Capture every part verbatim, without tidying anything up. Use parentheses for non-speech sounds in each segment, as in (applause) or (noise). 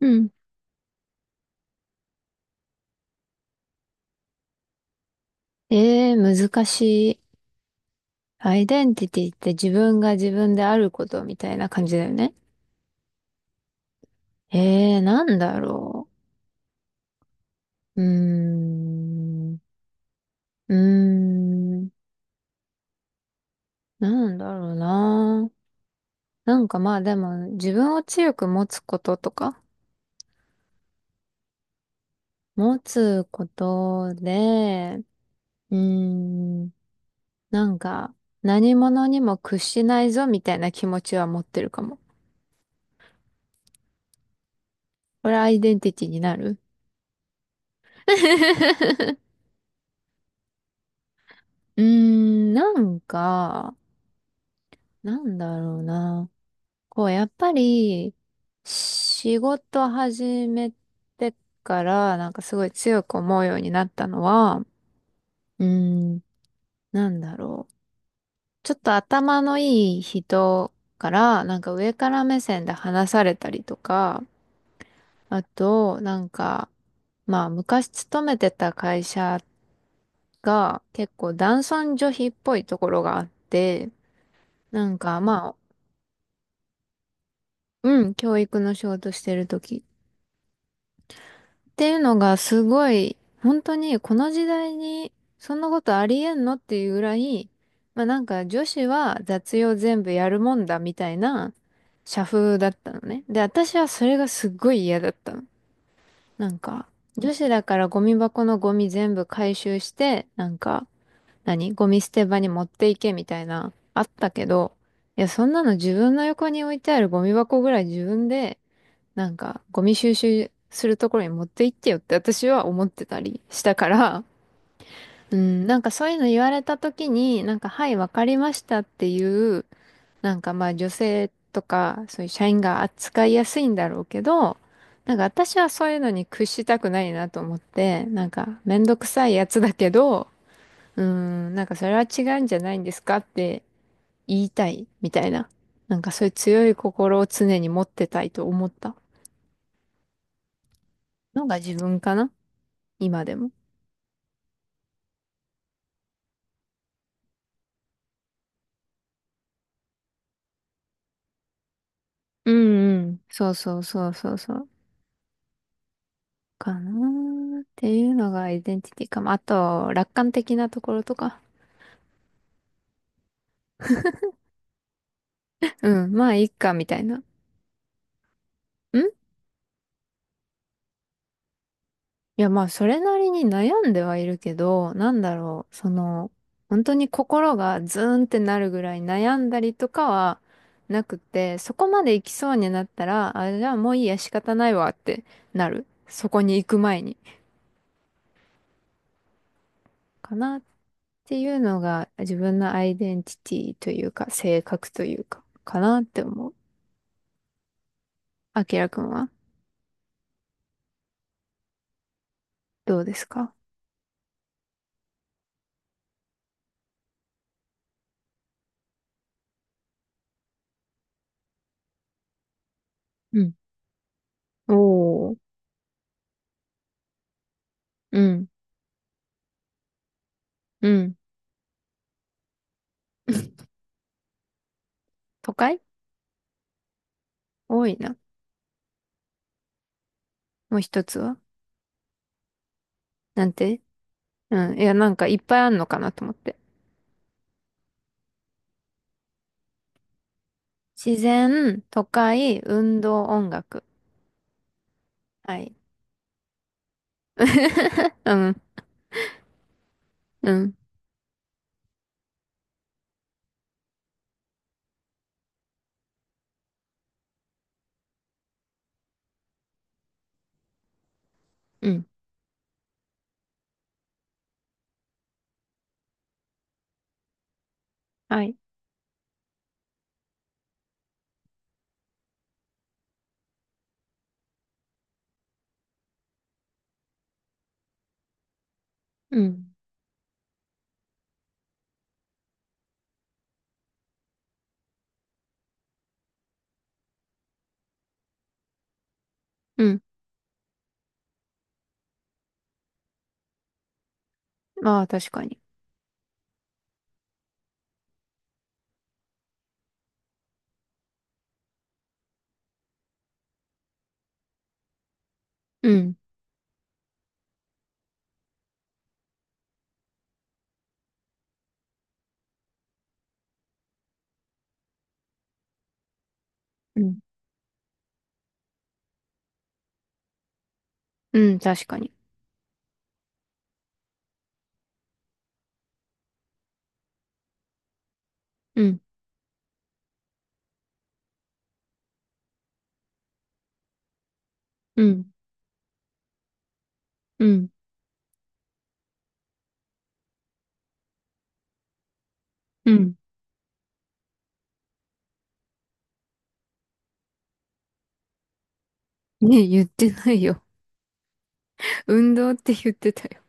うん。ええ、難しい。アイデンティティって自分が自分であることみたいな感じだよね。ええ、なんだろう。うーん。うーん。なんだろうな。なんかまあでも自分を強く持つこととか、持つことで、うーん。なんか何者にも屈しないぞみたいな気持ちは持ってるかも。これアイデンティティになる？うーん、なんか、なんだろうな。こう、やっぱり、仕事始めてから、なんかすごい強く思うようになったのは、うーん、なんだろう。ちょっと頭のいい人から、なんか上から目線で話されたりとか、あと、なんか、まあ、昔勤めてた会社が結構男尊女卑っぽいところがあって、なんかまあ、うん、教育の仕事してる時ていうのがすごい、本当にこの時代にそんなことありえんのっていうぐらい、まあなんか女子は雑用全部やるもんだみたいな社風だったのね。で、私はそれがすっごい嫌だったの。なんか、女子だからゴミ箱のゴミ全部回収して、なんか、何ゴミ捨て場に持っていけみたいな、あったけど、いや、そんなの自分の横に置いてあるゴミ箱ぐらい自分でなんか、ゴミ収集するところに持って行ってよって私は思ってたりしたから、うん、なんかそういうの言われた時に、なんか、はい、わかりましたっていう、なんかまあ女性とか、そういう社員が扱いやすいんだろうけど、なんか私はそういうのに屈したくないなと思って、なんかめんどくさいやつだけど、うん、なんかそれは違うんじゃないんですかって言いたいみたいな。なんかそういう強い心を常に持ってたいと思ったのが自分かな。今でも。うんうん。そうそうそうそうそう。かなーっていうのがアイデンティティかも。あと、楽観的なところとか。うん、まあ、いいか、みたいな。んいや、まあ、それなりに悩んではいるけど、なんだろう、その、本当に心がズーンってなるぐらい悩んだりとかはなくて、そこまで行きそうになったら、あ、じゃあもういいや、仕方ないわってなる。そこに行く前に。かなっっていうのが自分のアイデンティティというか、性格というか、かなって思う。あきらくんはどうですか？うん。おーうん、うん。(laughs) 都会。多いな。もう一つはなんて？うん。いや、なんかいっぱいあんのかなと思って。自然、都会、運動、音楽。はい。(laughs) うん、うん、うん。はい。うん。うん。まあ、確かに。うん。うん。うん、確かに。うん。うん。うん。うん。ねえ、言ってないよ。運動って言ってたよ。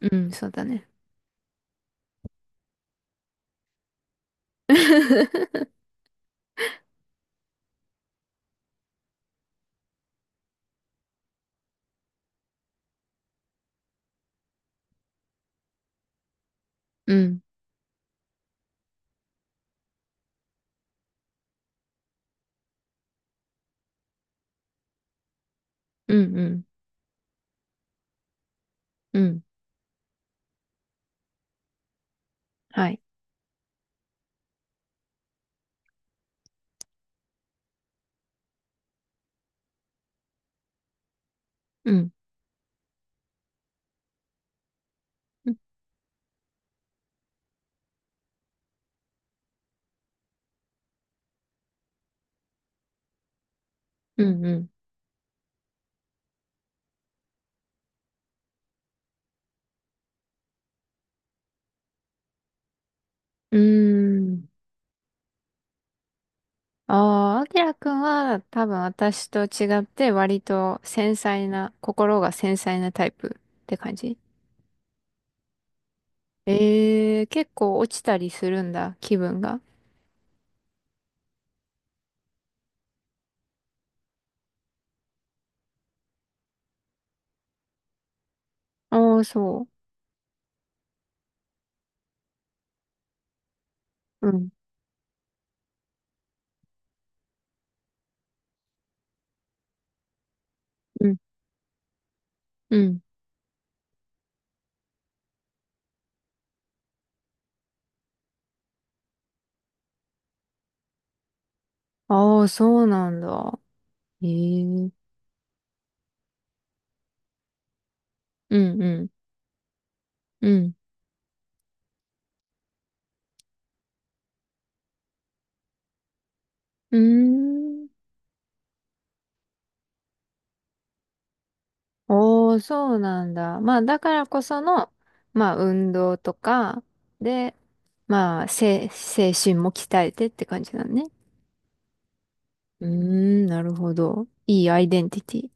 うん、そうだね。(laughs) うん、うん、うん、うん、はい。うん、うん、うん、うん。うーん。ああ、あきらくんは多分私と違って割と繊細な、心が繊細なタイプって感じ？えー、結構落ちたりするんだ、気分が。ああ、そう。うん、うん、うん。ああ、そうなんだ。ええうん、うん、うん。うーん。おー、そうなんだ。まあ、だからこその、まあ、運動とか、で、まあ、精、精神も鍛えてって感じだね。うーん、なるほど。いいアイデンティティ。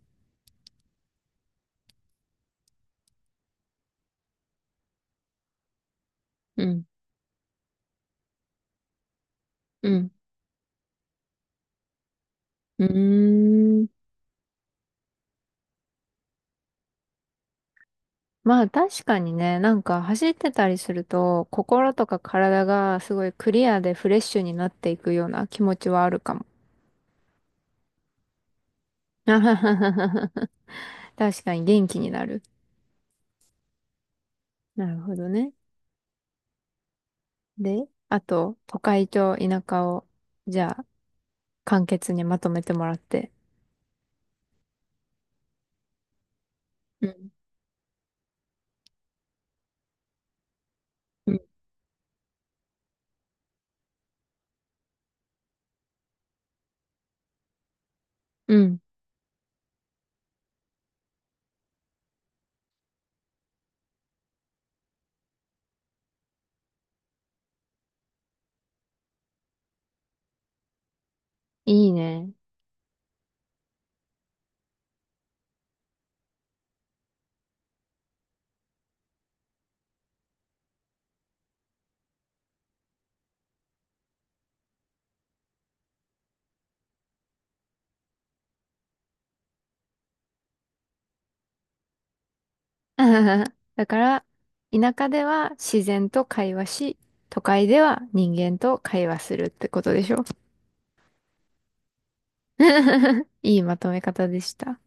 うん、うん、うーん。まあ、確かにね、なんか走ってたりすると、心とか体がすごいクリアでフレッシュになっていくような気持ちはあるかも。(laughs) 確かに元気になる。なるほどね。で、あと、都会と田舎を、じゃあ、簡潔にまとめてもらって。うん。うん。うん。いいね。(laughs) だから、田舎では自然と会話し、都会では人間と会話するってことでしょ？ (laughs) いいまとめ方でした。